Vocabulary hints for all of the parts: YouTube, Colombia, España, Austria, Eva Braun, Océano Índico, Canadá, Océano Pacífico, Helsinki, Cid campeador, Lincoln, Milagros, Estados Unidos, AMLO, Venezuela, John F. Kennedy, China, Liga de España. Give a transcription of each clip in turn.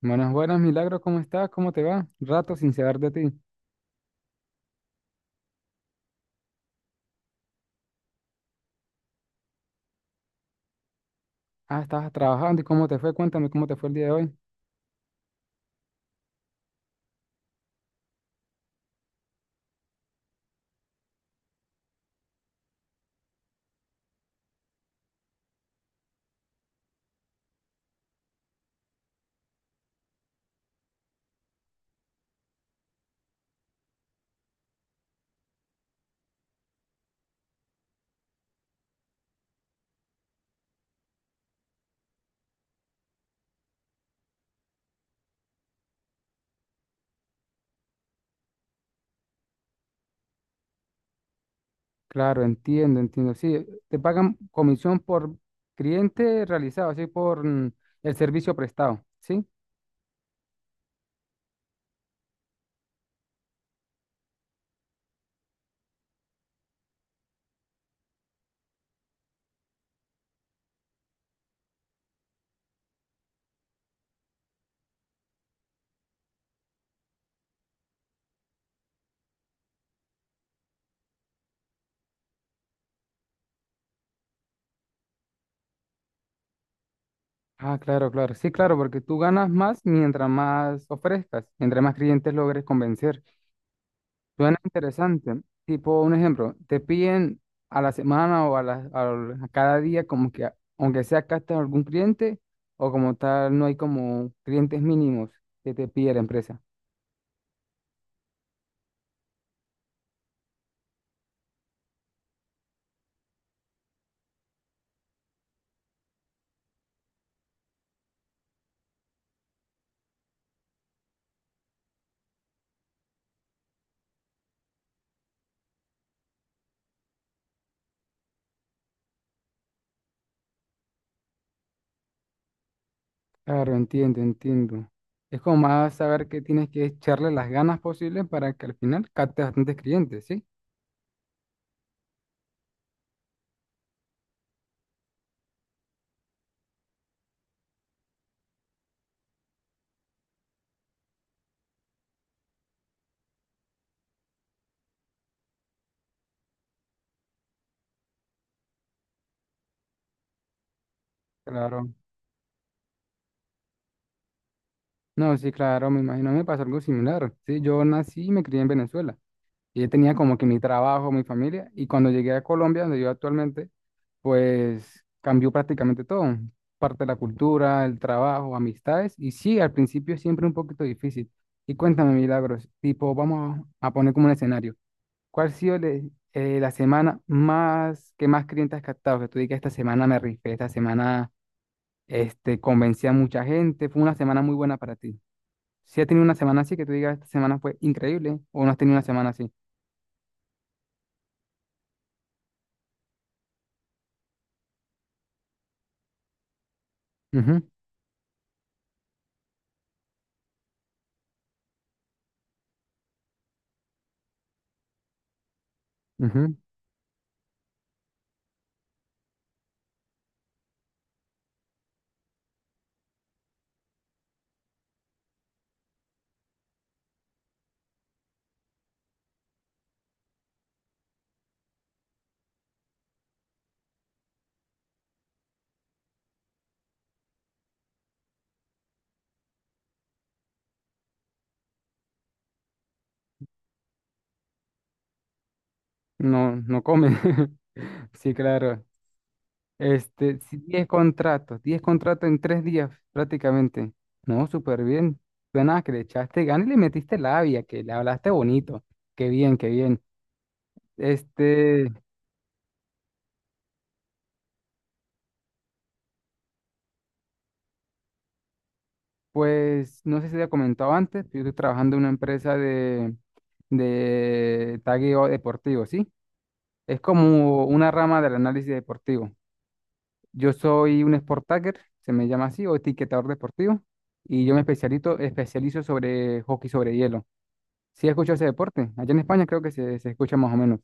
Buenas, buenas, Milagro, ¿cómo estás? ¿Cómo te va? Rato sin saber de ti. Ah, estabas trabajando y cómo te fue, cuéntame cómo te fue el día de hoy. Claro, entiendo, entiendo. Sí, te pagan comisión por cliente realizado, así por el servicio prestado, ¿sí? Ah, claro, claro. Sí, claro, porque tú ganas más mientras más ofrezcas, entre más clientes logres convencer. Suena interesante. Tipo, un ejemplo, te piden a la semana o a cada día como que, aunque sea captar algún cliente o como tal, no hay como clientes mínimos que te pide la empresa. Claro, entiendo, entiendo. Es como más saber que tienes que echarle las ganas posibles para que al final captes bastantes clientes, ¿sí? Claro. No, sí, claro, me imagino, me pasó algo similar. Sí, yo nací y me crié en Venezuela. Y yo tenía como que mi trabajo, mi familia. Y cuando llegué a Colombia, donde yo actualmente, pues cambió prácticamente todo, parte de la cultura, el trabajo, amistades, y sí, al principio es siempre un poquito difícil. Y cuéntame, Milagros, tipo, vamos a poner como un escenario. ¿Cuál ha sido la semana más que más clientes has captado? Que tú digas, esta semana me rifé, esta semana este, convencí a mucha gente, fue una semana muy buena para ti. Si has tenido una semana así, que tú digas, esta semana fue increíble, o no has tenido una semana así. Ujú, ujú. No, no come Sí, claro. Este, sí, 10 contratos, 10 contratos en 3 días prácticamente. No, súper bien. Suena que le echaste ganas y le metiste labia, que le hablaste bonito. Qué bien, qué bien. Este, pues no sé si te había comentado antes, pero yo estoy trabajando en una empresa de tagueo deportivo, ¿sí? Es como una rama del análisis deportivo. Yo soy un sport tagger, se me llama así, o etiquetador deportivo, y yo me especializo sobre hockey sobre hielo. Sí, escucho ese deporte. Allá en España creo que se escucha más o menos.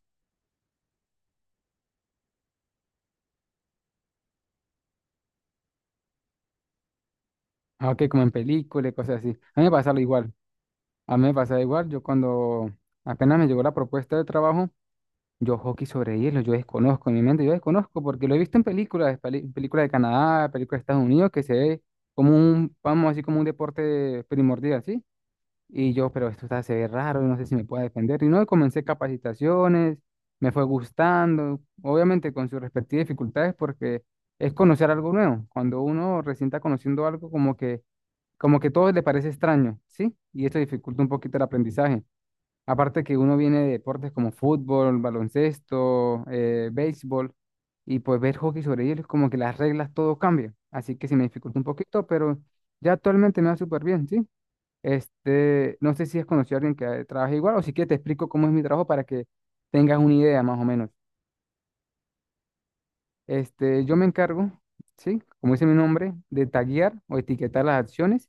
Ah, ok, como en películas cosas así. A mí me pasaba igual. A mí me pasaba igual. Yo cuando apenas me llegó la propuesta de trabajo, yo hockey sobre hielo, yo desconozco en mi mente, yo desconozco porque lo he visto en películas, películas de Canadá, películas de Estados Unidos, que se ve como un, vamos así como un deporte primordial, ¿sí? Y yo, pero esto está, se ve raro, no sé si me pueda defender. Y no, y comencé capacitaciones, me fue gustando, obviamente con sus respectivas dificultades, porque es conocer algo nuevo. Cuando uno recién está conociendo algo, como que todo le parece extraño, ¿sí? Y esto dificulta un poquito el aprendizaje. Aparte que uno viene de deportes como fútbol, baloncesto, béisbol, y pues ver hockey sobre hielo es como que las reglas todo cambia. Así que se me dificulta un poquito, pero ya actualmente me va súper bien, ¿sí? Este, no sé si has conocido a alguien que trabaje igual o si quieres te explico cómo es mi trabajo para que tengas una idea más o menos. Este, yo me encargo, ¿sí? Como dice mi nombre, de taguear o etiquetar las acciones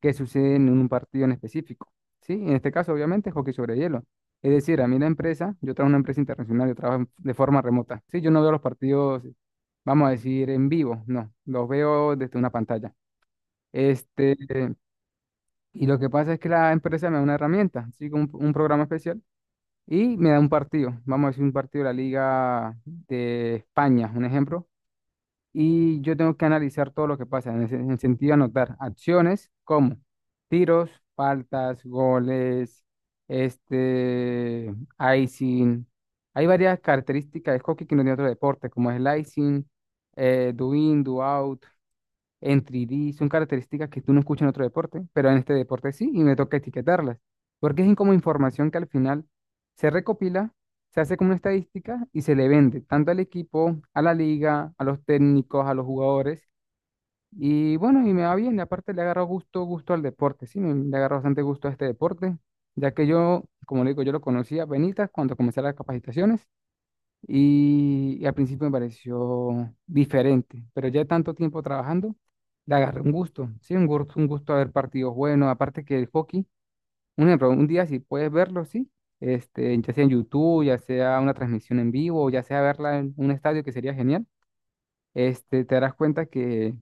que suceden en un partido en específico, ¿sí? En este caso, obviamente, hockey sobre hielo. Es decir, a mí la empresa, yo trabajo en una empresa internacional, yo trabajo de forma remota, ¿sí? Yo no veo los partidos, vamos a decir, en vivo, no, los veo desde una pantalla. Este, y lo que pasa es que la empresa me da una herramienta, ¿sí? Un programa especial. Y me da un partido, vamos a decir un partido de la Liga de España, un ejemplo. Y yo tengo que analizar todo lo que pasa, en el sentido de anotar acciones como tiros, faltas, goles, este, icing. Hay varias características de hockey que no tiene otro deporte, como es el icing, do in, do out en 3D, son características que tú no escuchas en otro deporte, pero en este deporte sí, y me toca etiquetarlas, porque es como información que al final se recopila, se hace como una estadística y se le vende tanto al equipo, a la liga, a los técnicos, a los jugadores, y bueno, y me va bien, y aparte le agarro gusto, gusto al deporte, sí, me, le agarro bastante gusto a este deporte, ya que yo, como le digo, yo lo conocí a penitas cuando comencé las capacitaciones, y al principio me pareció diferente, pero ya tanto tiempo trabajando, le agarré un gusto, sí, un gusto a ver partidos buenos, aparte que el hockey, un ejemplo, un día si puedes verlo, sí, este, ya sea en YouTube, ya sea una transmisión en vivo, ya sea verla en un estadio que sería genial, este, te darás cuenta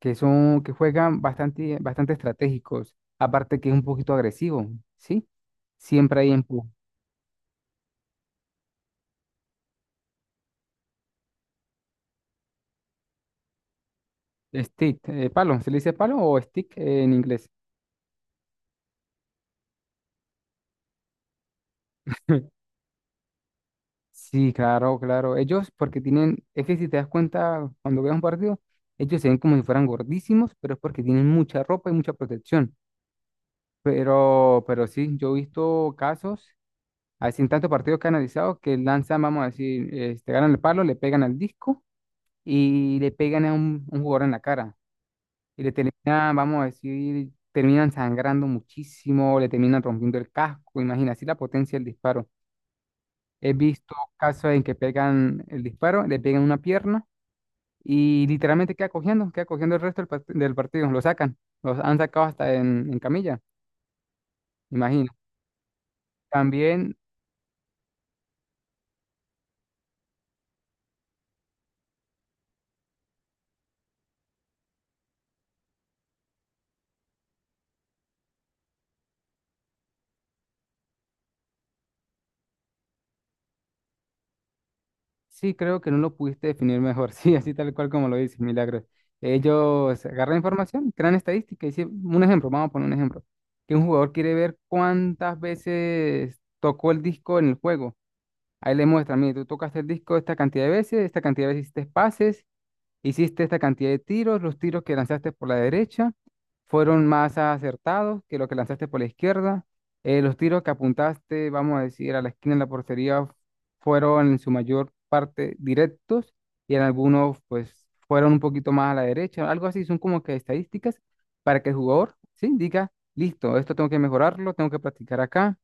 que son, que juegan bastante, bastante estratégicos, aparte que es un poquito agresivo, sí, siempre hay empuje, stick, palo, ¿se le dice palo o stick en inglés? Sí, claro, claro. Ellos, porque tienen, es que si te das cuenta, cuando veas un partido, ellos se ven como si fueran gordísimos, pero es porque tienen mucha ropa y mucha protección. Pero sí, yo he visto casos, así en tantos partidos que he analizado, que lanzan, vamos a decir, este, ganan el palo, le pegan al disco y le pegan a un jugador en la cara. Y le terminan, vamos a decir, terminan sangrando muchísimo, le terminan rompiendo el casco. Imagina así la potencia del disparo. He visto casos en que pegan el disparo, le pegan una pierna y literalmente queda cogiendo el resto del partido. Lo sacan, los han sacado hasta en camilla, imagino. También sí creo que no lo pudiste definir mejor, sí, así tal cual como lo dices, Milagros. Ellos agarran información, crean estadística y sí, un ejemplo, vamos a poner un ejemplo, que un jugador quiere ver cuántas veces tocó el disco en el juego. Ahí le muestran, mire, tú tocaste el disco esta cantidad de veces, esta cantidad de veces hiciste pases. Hiciste esta cantidad de tiros, los tiros que lanzaste por la derecha fueron más acertados que los que lanzaste por la izquierda. Los tiros que apuntaste, vamos a decir, a la esquina de la portería fueron en su mayor parte directos y en algunos pues fueron un poquito más a la derecha, algo así, son como que estadísticas para que el jugador, sí, diga, listo, esto tengo que mejorarlo, tengo que practicar acá.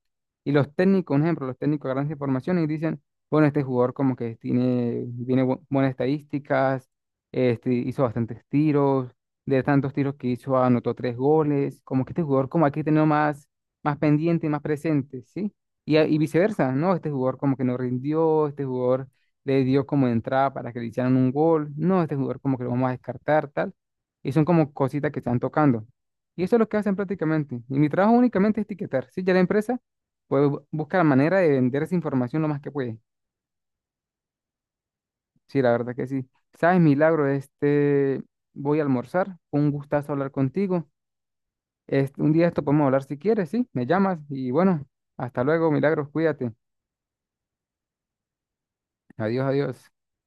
Y los técnicos, un ejemplo, los técnicos agarran esa información y dicen, bueno, este jugador como que tiene, tiene buenas estadísticas, este, hizo bastantes tiros, de tantos tiros que hizo, anotó 3 goles. Como que este jugador, como hay que tenerlo más, más pendiente, más presente, ¿sí? Y, y viceversa, ¿no? Este jugador como que no rindió, este jugador le dio como entrada para que le hicieran un gol, no, este jugador como que lo vamos a descartar, tal. Y son como cositas que están tocando. Y eso es lo que hacen prácticamente. Y mi trabajo únicamente es etiquetar, ¿sí? Ya la empresa, pues busca la manera de vender esa información lo más que puede. Sí, la verdad que sí. Sabes, Milagro, este, voy a almorzar. Fue un gustazo hablar contigo. Este, un día de esto podemos hablar si quieres, sí, me llamas y bueno, hasta luego, Milagros, cuídate. Adiós, adiós.